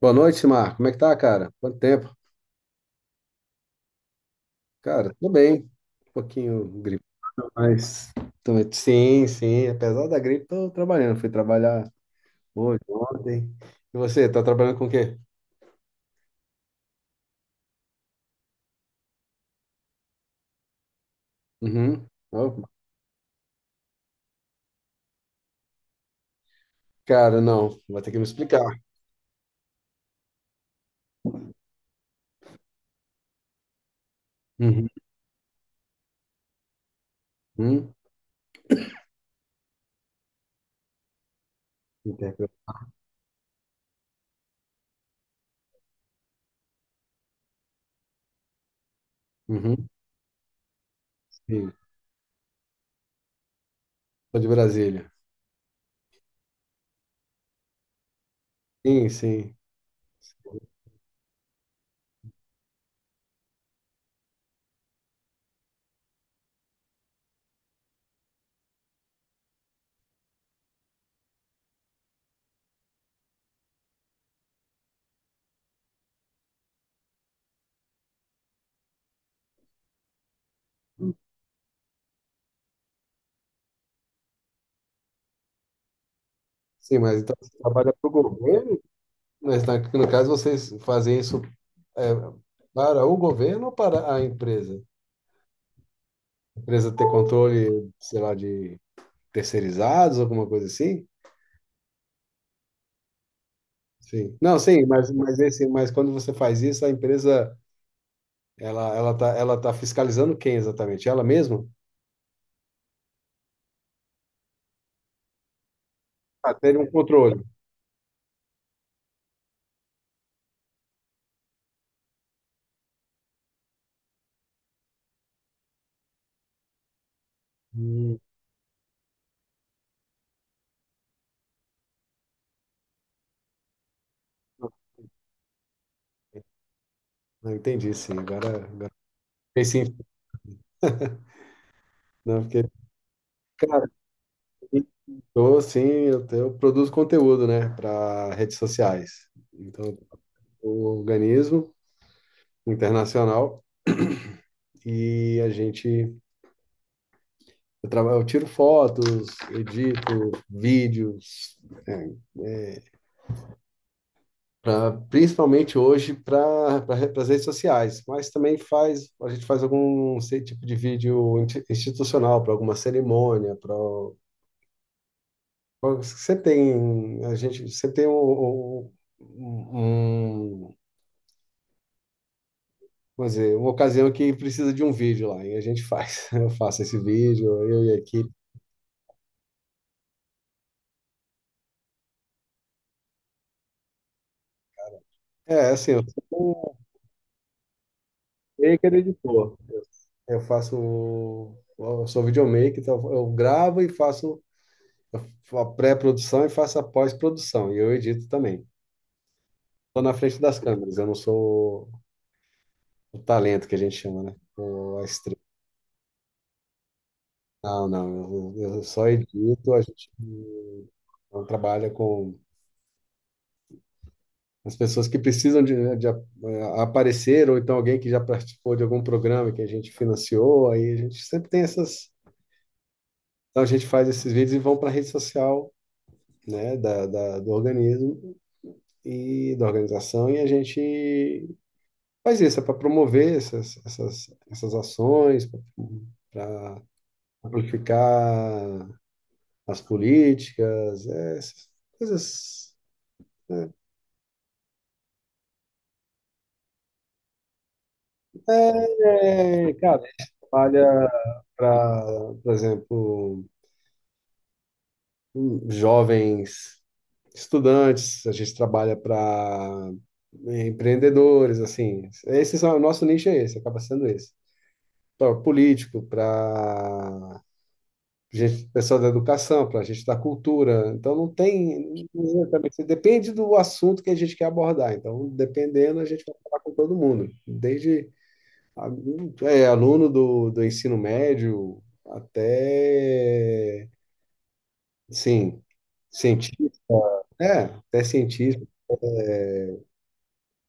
Boa noite, Marco. Como é que tá, cara? Quanto tempo? Cara, tudo bem. Um pouquinho gripado, mas... Sim, sim. Apesar da gripe, tô trabalhando. Fui trabalhar hoje, ontem. E você, tá trabalhando com o quê? Uhum. Oh, cara, não. Vai ter que me explicar. Uhum. Uhum. Interpre- Uhum. Sim. Sou de Brasília. Sim, sim. Sim, mas então você trabalha para o governo? No caso, vocês fazem isso é, para o governo ou para a empresa? Empresa ter controle, sei lá, de terceirizados, alguma coisa assim? Sim. Não, sim, mas, esse, mas quando você faz isso, a empresa, ela tá, ela tá fiscalizando quem exatamente? Ela mesma? Ah, ter um controle. Hum, não entendi, sim. Agora, agora fiquei sim, não, porque, cara, eu, sim, eu produzo conteúdo, né, para redes sociais. Então, eu organizo internacional e a gente eu eu tiro fotos, edito vídeos, é, principalmente hoje para as redes sociais, mas também a gente faz algum sei, tipo de vídeo institucional para alguma cerimônia, para sempre tem a gente sempre tem um, um- vamos dizer, uma ocasião que precisa de um vídeo lá e a gente faz. Eu faço esse vídeo, eu e a equipe. É, assim, eu sou um maker editor. Eu faço, eu sou videomaker, então eu gravo e faço a pré-produção e faço a pós-produção, e eu edito também. Estou na frente das câmeras, eu não sou o talento que a gente chama, né? O, a estrela. Não, não, eu só edito, a gente não trabalha com as pessoas que precisam de aparecer, ou então alguém que já participou de algum programa que a gente financiou, aí a gente sempre tem essas. Então a gente faz esses vídeos e vão para a rede social, né, do organismo e da organização, e a gente faz isso, é para promover essas ações, para amplificar as políticas, é, essas coisas. Cara, a gente trabalha para, por exemplo, jovens estudantes, a gente trabalha para empreendedores, assim, esse é o nosso nicho é esse, acaba sendo esse. Para político, para gente, pessoal da educação, para gente da cultura. Então não tem exatamente, depende do assunto que a gente quer abordar. Então, dependendo, a gente vai falar com todo mundo, desde a- é, aluno do, do ensino médio até sim, cientista, é, até cientista,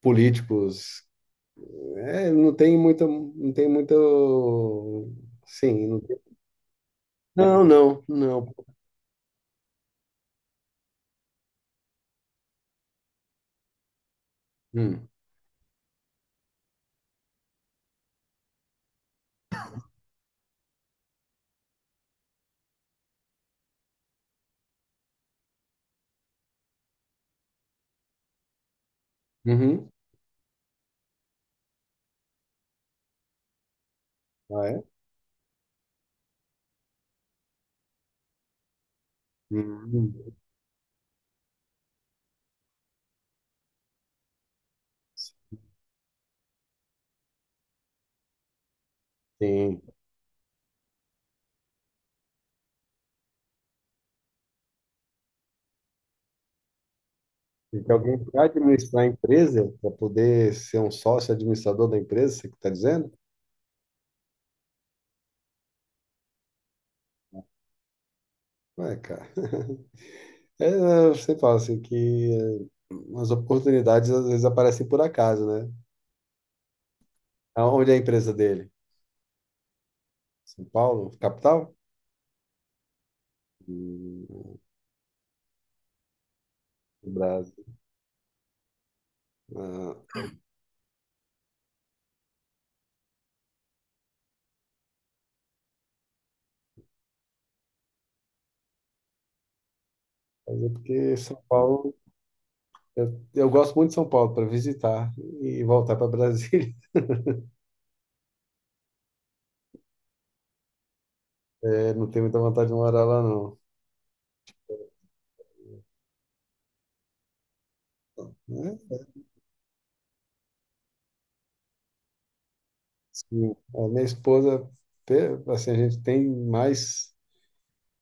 políticos. É, não tem muita, não tem muito, sim, não tem- Não, não, não. Hum. Uhum. Ah, é? Hum, sim. Tem que alguém para administrar a empresa, para poder ser um sócio administrador da empresa, você que está dizendo? Ué, cara. É, eu sempre falo assim que eh, as oportunidades às vezes aparecem por acaso, né? Onde é a empresa dele? São Paulo, capital? Hum, no Brasil. Ah, mas é porque São Paulo, eu gosto muito de São Paulo para visitar e voltar para Brasília. Não tenho muita vontade de morar lá, não. É, sim, a minha esposa, assim, a gente tem mais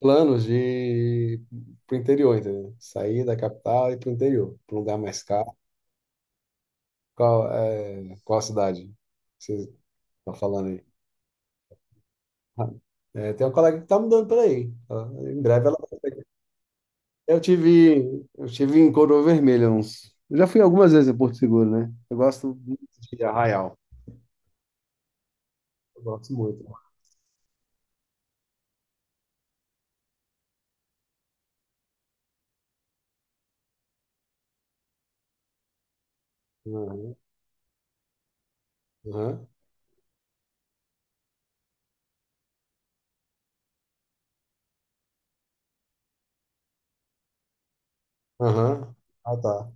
planos de ir pro interior, entendeu? Sair da capital e ir pro interior, pro lugar mais caro. Qual, é, qual a cidade que vocês estão falando aí? Ah, é, tem uma colega que tá mudando por aí. Ela- Em breve ela... eu tive em Coroa Vermelha uns... Eu já fui algumas vezes em Porto Seguro, né? Eu gosto muito de Arraial. Eu gosto muito. Aham, aham, aham. Ah, tá.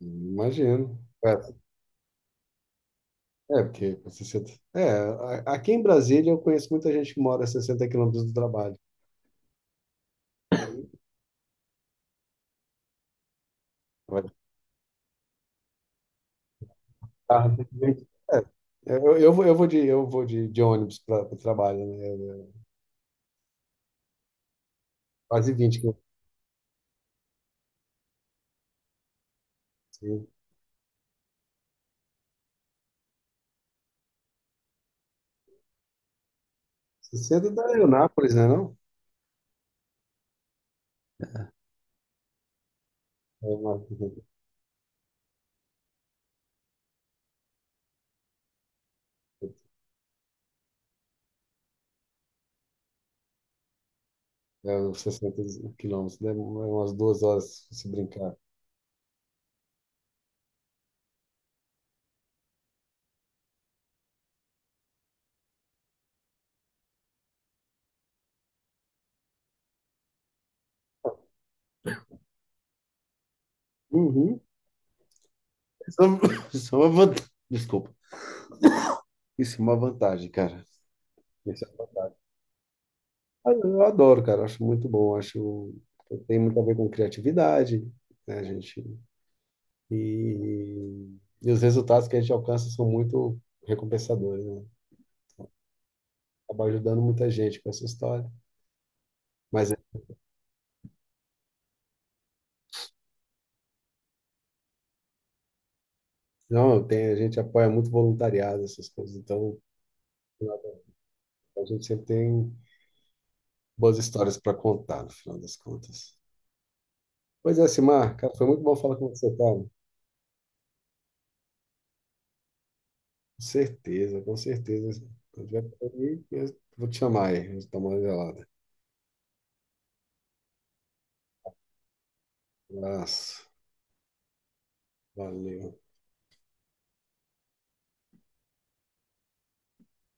Imagino. É, porque com 60. É, aqui em Brasília eu conheço muita gente que mora a 60 quilômetros do trabalho. Vai de carro, tem que ver. Eu vou eu vou de ônibus para o trabalho, né? Quase 20 quilômetros. Assim. 60 da Leonápolis, né, não? É, uma, é uns 60 quilômetros, né? Umas 2 horas se brincar. Uhum. Isso é uma isso é uma vantagem. Desculpa. Isso é uma vantagem, cara. Isso é uma vantagem. Ah, eu adoro, cara. Acho muito bom. Acho que tem muito a ver com criatividade, né, gente? E, e os resultados que a gente alcança são muito recompensadores, né? Acaba ajudando muita gente com essa história. Mas não, tem, a gente apoia muito voluntariado, essas coisas. Então, a gente sempre tem boas histórias para contar, no final das contas. Pois é, Simar, cara, foi muito bom falar com você, cara. Com certeza, com certeza. Quando tiver por aí, eu vou te chamar aí, a gente toma uma gelada. Abraço, valeu.